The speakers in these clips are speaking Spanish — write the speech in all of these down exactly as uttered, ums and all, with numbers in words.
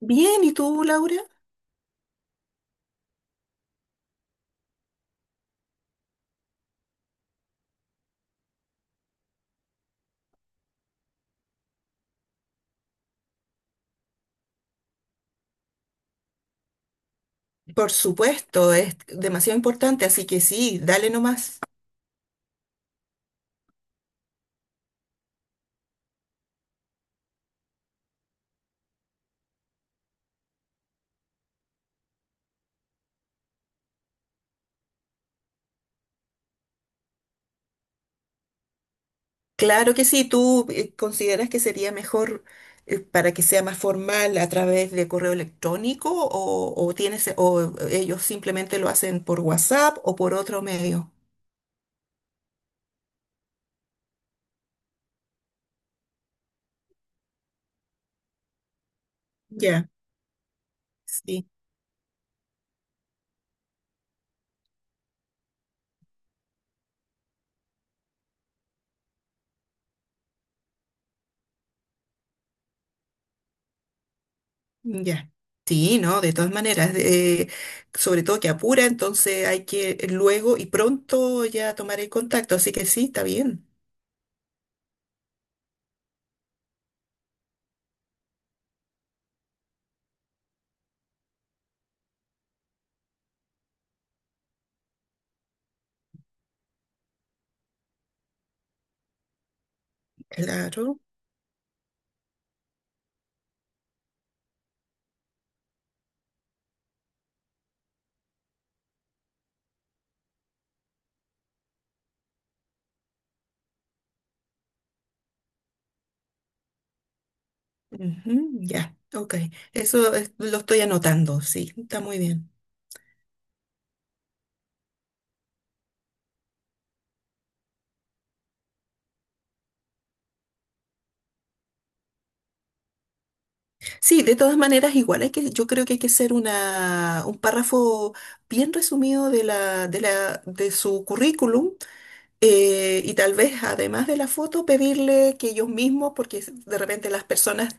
Bien, ¿y tú, Laura? Por supuesto, es demasiado importante, así que sí, dale nomás. Claro que sí, tú eh, consideras que sería mejor eh, para que sea más formal a través de correo electrónico o, o tienes o ellos simplemente lo hacen por WhatsApp o por otro medio. Ya, sí, ya. Sí, no, de todas maneras, eh, sobre todo que apura, entonces hay que luego y pronto ya tomar el contacto, así que sí, está bien. Claro. Ujú, ya, ok. Eso es- lo estoy anotando, sí, está muy bien. Sí, de todas maneras, igual hay que, yo creo que hay que hacer una, un párrafo bien resumido de la, de la, de su currículum, eh, y tal vez además de la foto, pedirle que ellos mismos, porque de repente las personas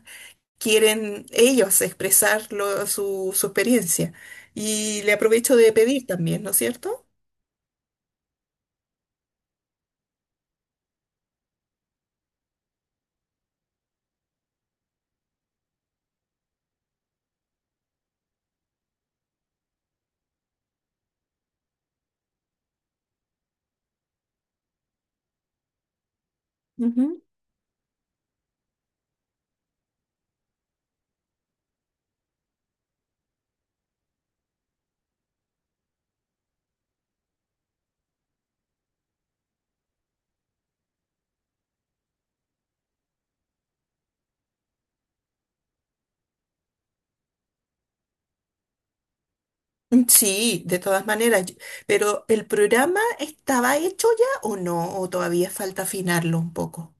quieren ellos expresar lo- su, su experiencia. Y le aprovecho de pedir también, ¿no es cierto? Mm, sí, de todas maneras, yo- pero ¿el programa estaba hecho ya o no? ¿O todavía falta afinarlo un poco?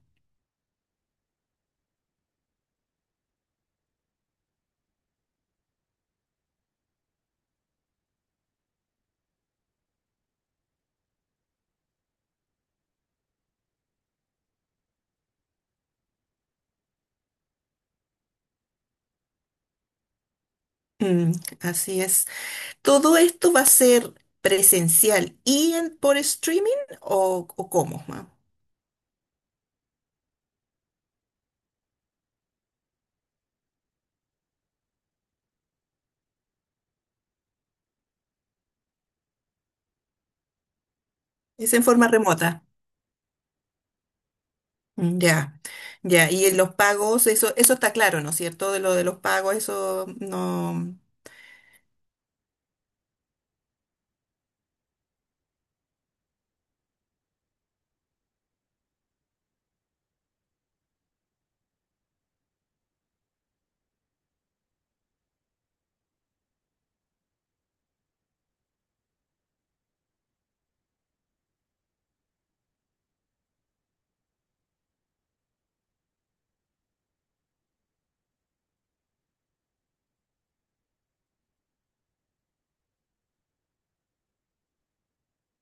Mm, así es. ¿Todo esto va a ser presencial y en- por streaming o, o cómo? Ma? ¿Es en forma remota? Mm, ya, ya. Y en los pagos, eso, eso está claro, ¿no es cierto? De lo de los pagos, eso no.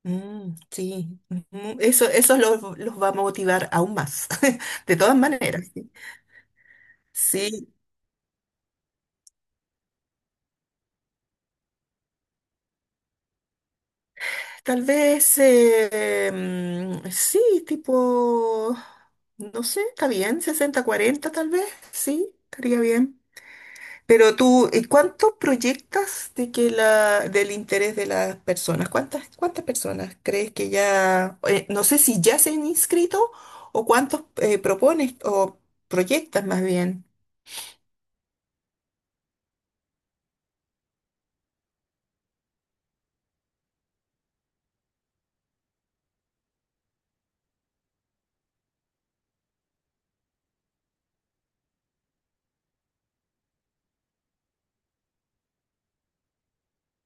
Mm, sí, ujú. Eso, eso los, los va a motivar aún más, de todas maneras. Sí. Sí. Tal vez, eh, mm, sí, tipo, no sé, está bien, sesenta cuarenta tal vez, sí, estaría bien. Pero tú, ¿y cuánto proyectas de que la, del interés de las personas? ¿Cuántas, cuántas personas crees que ya, eh, no sé si ya se han inscrito o cuántos eh, propones o proyectas más bien?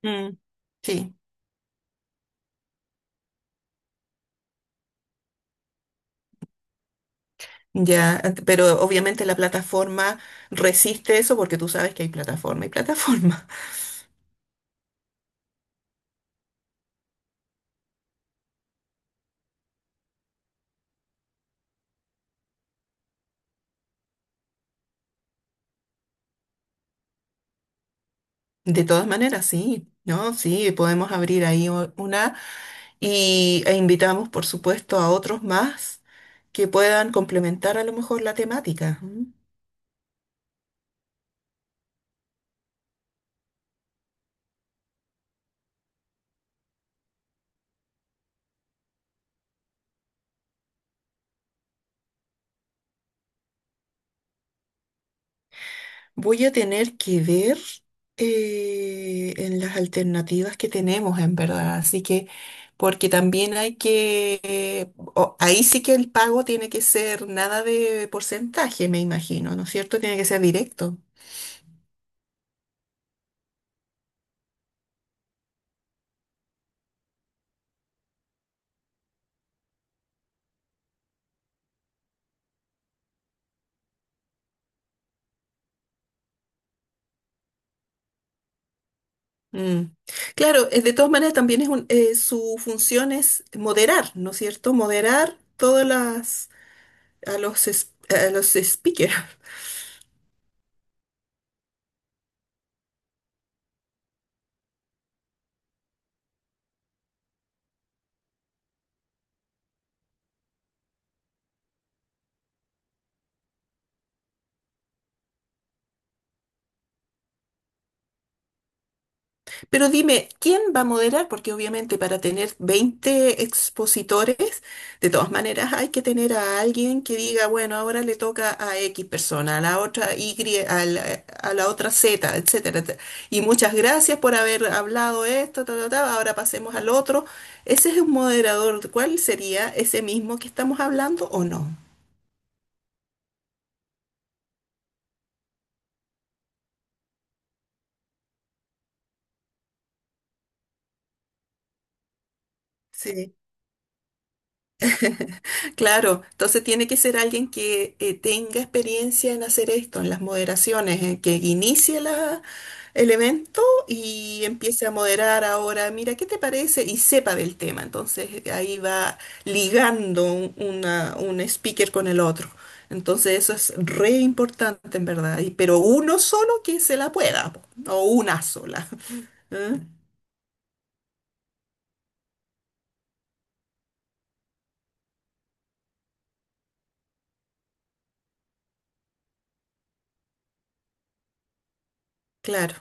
Mm. Sí, ya, ent- pero obviamente la plataforma resiste eso porque tú sabes que hay plataforma y plataforma. De todas maneras, sí, ¿no? Sí, podemos abrir ahí u- una y, e invitamos, por supuesto, a otros más que puedan complementar a lo mejor la temática. ¿M? Voy a tener que ver eh, en las alternativas que tenemos, en verdad. Así que, porque también hay que, eh, o- ahí sí que el pago tiene que ser nada de porcentaje, me imagino, ¿no es cierto? Tiene que ser directo. Mm. Claro, eh, de todas maneras también es un- eh, su función es moderar, ¿no es cierto? Moderar todas las a los es- a los speakers. Pero dime, ¿quién va a moderar? Porque obviamente para tener veinte expositores, de todas maneras hay que tener a alguien que diga, bueno, ahora le toca a X persona, a la otra Y, a la, a la otra Z, etcétera, etcétera. Y muchas gracias por haber hablado esto, ta, ta, ta, ahora pasemos al otro. Ese es un moderador. ¿Cuál sería ese mismo que estamos hablando o no? Sí, claro. Entonces tiene que ser alguien que eh, tenga experiencia en hacer esto, en las moderaciones, en que inicie la el evento y empiece a moderar ahora, mira, ¿qué te parece? Y sepa del tema. Entonces ahí va ligando un, una- un speaker con el otro. Entonces eso es re importante en verdad, y- pero uno solo que se la pueda, po, o una sola. ¿Eh? Claro,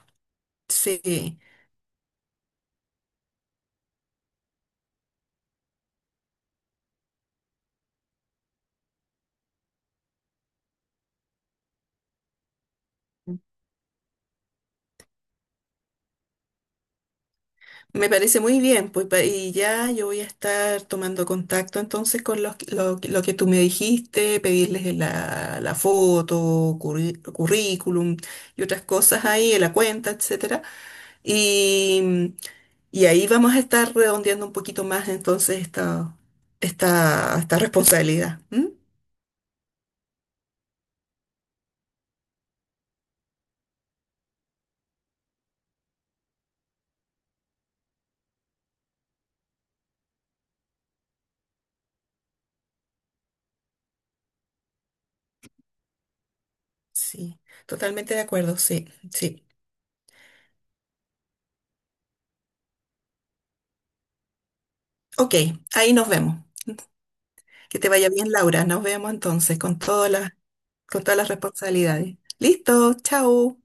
sí. Me parece muy bien, pues pa- y ya yo voy a estar tomando contacto entonces con los, lo, lo que tú me dijiste, pedirles la, la foto, curri- currículum y otras cosas ahí, la cuenta, etcétera. Y, y ahí vamos a estar redondeando un poquito más entonces esta, esta, esta responsabilidad. ¿M? Sí, totalmente de acuerdo, sí, sí. Ok, ahí nos vemos. Que te vaya bien, Laura. Nos vemos entonces con todas las con todas las responsabilidades. Listo, chao.